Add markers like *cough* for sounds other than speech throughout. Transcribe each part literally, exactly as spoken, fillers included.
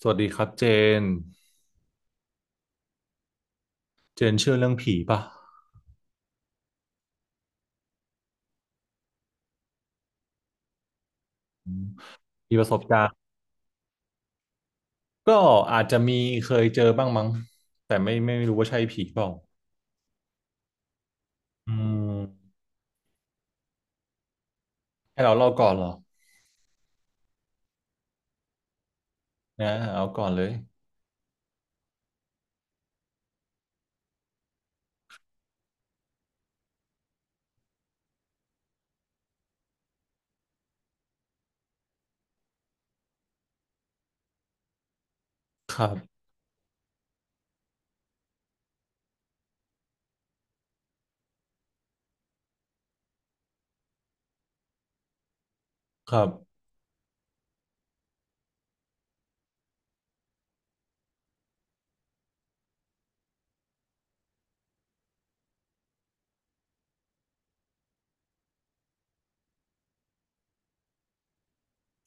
สวัสดีครับเจนเจนเชื่อเรื่องผีป่ะอืมมีประสบการณ์ก็อาจจะมีเคยเจอบ้างมั้งแต่ไม่ไม่รู้ว่าใช่ผีเปล่าอืมให้เราเล่าก่อนเหรอนะเอาก่อนเลยครับครับ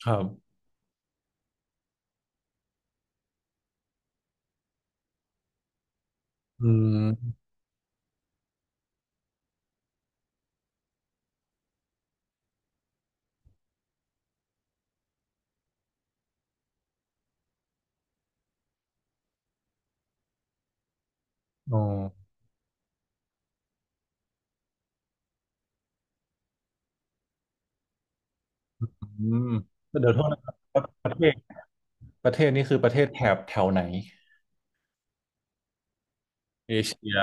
ครับอืมอ๋ออืมเดี๋ยวโทษนะครับประเทศประเทศนี่คือประเทศแถบแถวไหนเอเชีย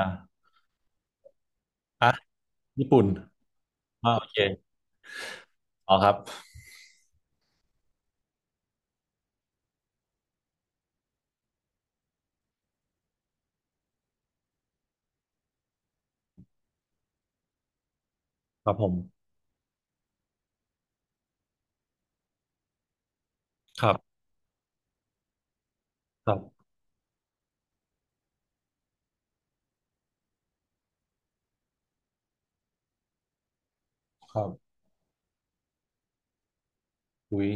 อ่ะญี่ปุ่นอ่าโอเคอ๋อครับครับผมครับครับครับอุ้ย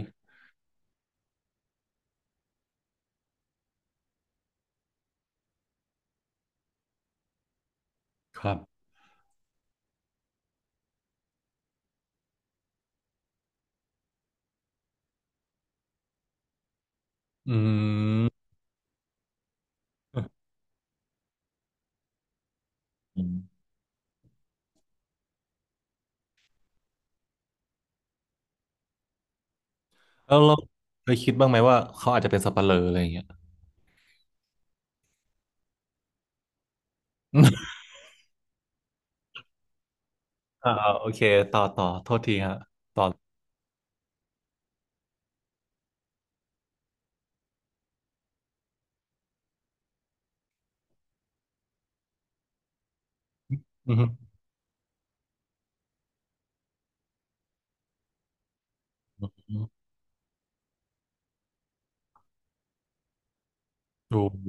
ครับอืม แล้วเราเคยคิดบ้างไหมว่าเขาอาจจะเป็นสัปเหร่ออะไรอย่างเงี้ยอ่าๆโอเคต่อต่อโทษทีฮะอืมโอ้โห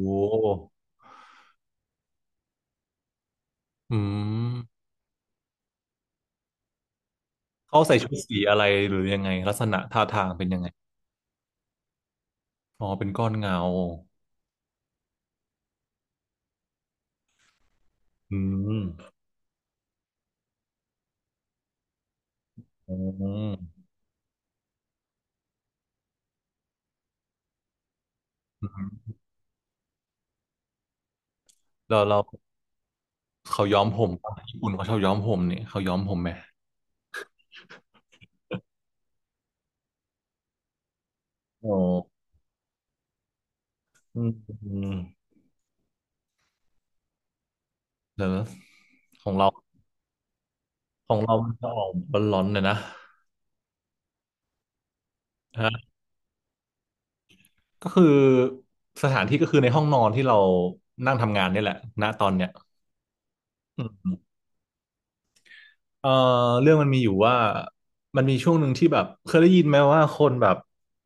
อืมเขาใส่ชุดสีอะไรหรือยังไงลักษณะท่าทางเป็นยังไง อ๋อเป็นก้อนเงาอืมอืมอืมเราเราเขาย้อมผมปะญี่ปุ่นเขาชอบย้อมผมนี่เขาย้อมผมไหมโอ้อืมอืมเดี๋ยวนะของเราของเรามันจะออกร้อนๆหน่อยนะฮะ ก็คือสถานที่ก็คือในห้องนอนที่เรานั่งทำงานเนี่ยแหละณตอนเนี้ยอืมเอ่อเรื่องมันมีอยู่ว่ามันมีช่วงหนึ่งที่แบบเคยได้ยินไหมว่าคนแบบ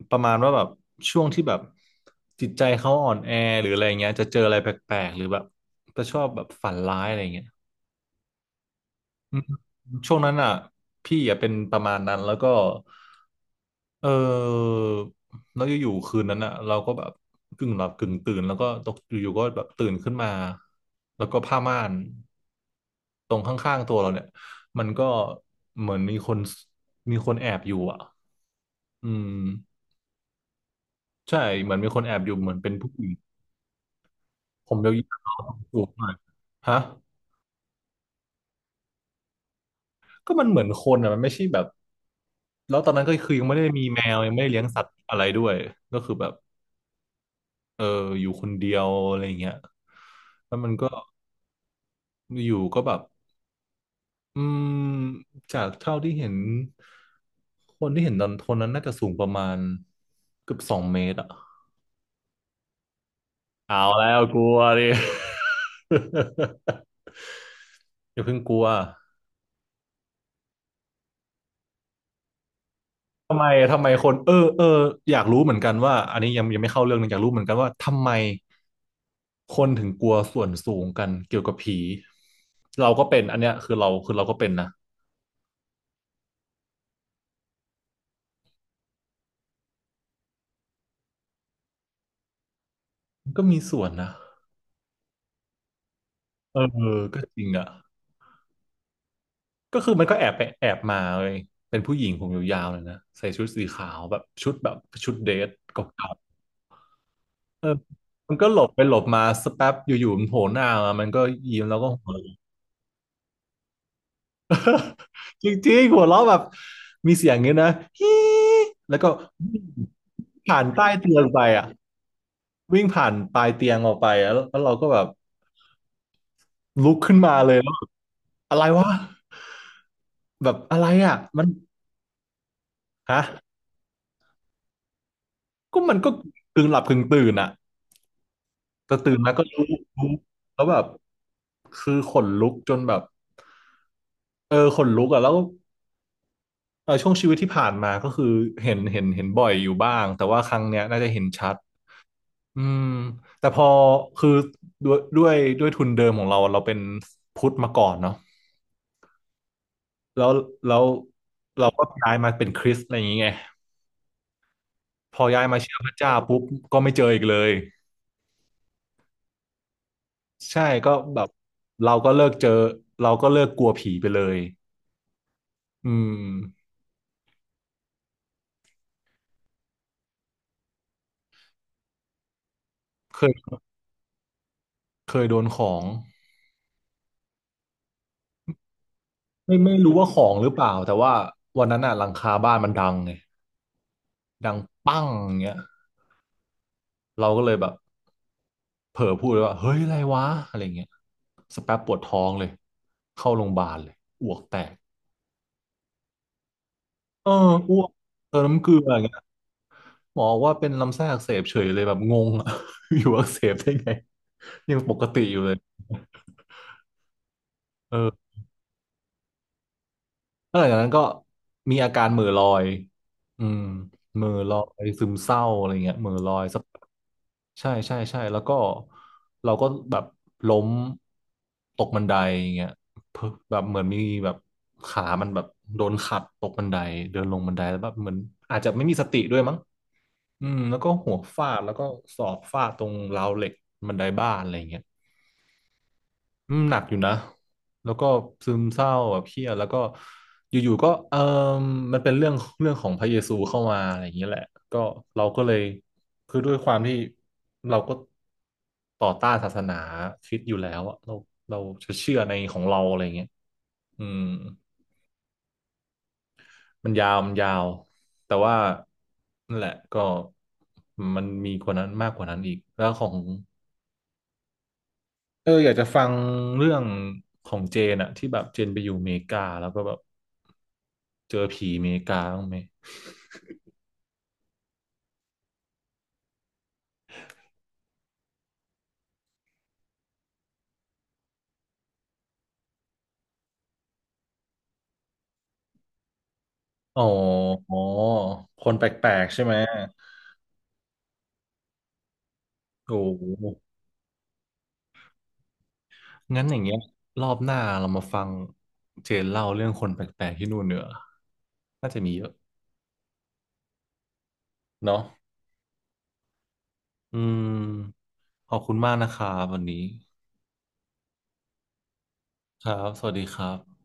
ประมาณว่าแบบช่วงที่แบบจิตใจเขาอ่อนแอหรืออะไรเงี้ยจะเจออะไรแปลกๆหรือแบบจะชอบแบบฝันร้ายอะไรเงี้ย ช่วงนั้นอ่ะพี่อ่ะเป็นประมาณนั้นแล้วก็เออแล้วอยู่ๆคืนนั้นอ่ะเราก็แบบกึ่งหลับกึ่งตื่นแล้วก็ตกอยู่ๆก็แบบตื่นขึ้นมาแล้วก็ผ้าม่านตรงข้างๆตัวเราเนี่ยมันก็เหมือนมีคนมีคนแอบอยู่อ่ะอืมใช่เหมือนมีคนแอบอยู่เหมือนเป็นผู้หญิงผมยาวๆสูงหน่อยฮะก็มันเหมือนคนอ่ะมันไม่ใช่แบบแล้วตอนนั้นก็คือยังไม่ได้มีแมวยังไม่ได้เลี้ยงสัตว์อะไรด้วยก็คือแบบ เอออยู่คนเดียวอะไรอย่างเงี้ยแล้วมันก็อยู่ก็แบบอืมจากเท่าที่เห็นคนที่เห็นตอนคนนั้นน่าจะสูงประมาณเกือบสองเมตรอ่ะเอาแล้วกลัวดิ *laughs* อย่าเพิ่งกลัวทำไมทำไมคนเออเอออยากรู้เหมือนกันว่าอันนี้ยังยังไม่เข้าเรื่องนะอยากรู้เหมือนกันว่าทำไมคนถึงกลัวส่วนสูงกันเกี่ยวกับผีเราก็เป็นอันเนี้ยคือเราคือเราก็เป็นนะมันก็มีส่วนนะเออก็จริงอ่ะ ก็คือมันก็แอบไปแอบมาเลยเป็นผู้หญิงผมยาวๆเลยนะใส่ชุดสีขาวแบบชุดแบบชุดเดทเก่าๆเออมันก็หลบไปหลบมาสักแป๊บอยู่ๆมันโผล่หน้ามามันก็ยิ้มแล้วก็หัวเราะจริงๆหัวเราะแบบมีเสียงเงี้ยนะ *laughs* ฮีแล้วก็วิ่งผ่านใต้เตียงไปอ่ะวิ่งผ่านปลายเตียงออกไปแล้วแล้วเราก็แบบลุกขึ้นมาเลยแล้วแบบอะไรวะแบบอะไรอ่ะมันฮะก็มันก็กึ่งหลับกึ่งตื่นอ่ะ แต่ตื่นมาก็รู้รู้แล้วแบบคือขนลุกจนแบบเออขนลุกอ่ะแล้วเออช่วงชีวิตที่ผ่านมาก็คือเห็นเห็นเห็นบ่อยอยู่บ้างแต่ว่าครั้งเนี้ยน่าจะเห็นชัดอืมแต่พอคือด้วยด้วยด้วยทุนเดิมของเราเราเป็นพุทธมาก่อนเนาะแล้วแล้วเราก็ย้ายมาเป็นคริสต์อะไรอย่างเงี้ยพอย้ายมาเชื่อพระเจ้าปุ๊บก็ไม่เจออีกเลยใช่ก็แบบเราก็เลิกเจอเราก็เลิกกลัวผีไปเลยอืมเคย เคยโดนของไม่ไม่รู้ว่าของหรือเปล่าแต่ว่าวันนั้นอ่ะหลังคาบ้านมันดังไงดังปั้งอย่างเงี้ยเราก็เลยแบบเผลอพูดเลยว่าเฮ้ยอะไรวะอะไรเงี้ยสกแป๊บปวดท้องเลยเข้าโรงพยาบาลเลยอ้วกแตกเอออ้วกเติมน้ำเกลืออย่างเงี้ยหมอบอกว่าเป็นลำไส้อักเสบเฉยเลยแบบงงอะ *laughs* อยู่อักเสบได้ไงยังปกติอยู่เลยเออแล้วหลังจากนั้นก็มีอาการเหม่อลอยอืมเหม่อลอยซึมเศร้าอะไรเงี้ยเหม่อลอยสัก ใช่ใช่ใช่แล้วก็เราก็แบบล้มตกบันไดอย่างเงี้ยเพิ่งแบบเหมือนมีแบบขามันแบบโดนขัดตกบันไดเดินลงบันไดแล้วแบบเหมือนอาจจะไม่มีสติด้วยมั้งอืมแล้วก็หัวฟาดแล้วก็ศอกฟาดตรงราวเหล็กบันไดบ้านอะไรอย่างเงี้ย อืมหนักอยู่นะ แล้วก็ซึมเศร้าแบบเครียดแล้วก็อยู่ๆก็เออมันเป็นเรื่องเรื่องของพระเยซูเข้ามาอะไรอย่างเงี้ยแหละก็เราก็เลยคือด้วยความที่เราก็ต่อต้านศาสนาคริสต์อยู่แล้วอะเราเราจะเชื่อในของเราอะไรอย่างเงี้ยอืมมันยาวมันยาวแต่ว่านั่นแหละก็มันมีกว่านั้นมากกว่านั้นอีกแล้วของเอออยากจะฟังเรื่องของเจนอะที่แบบเจนไปอยู่อเมริกาแล้วก็แบบ เจอผีอเมริกาบ้างไหมอ๋ออ๋อคนแปลกๆใช่ไหมโอ้โหงั้นอย่างเงี้ยรอบหน้าเรามาฟังเจนเล่าเรื่องคนแปลกๆที่นู่นเนอะน่าจะมีเยอะเนาะอืมขอบคุณมากนะครับวันนี้ ครับ สวัสดีครับ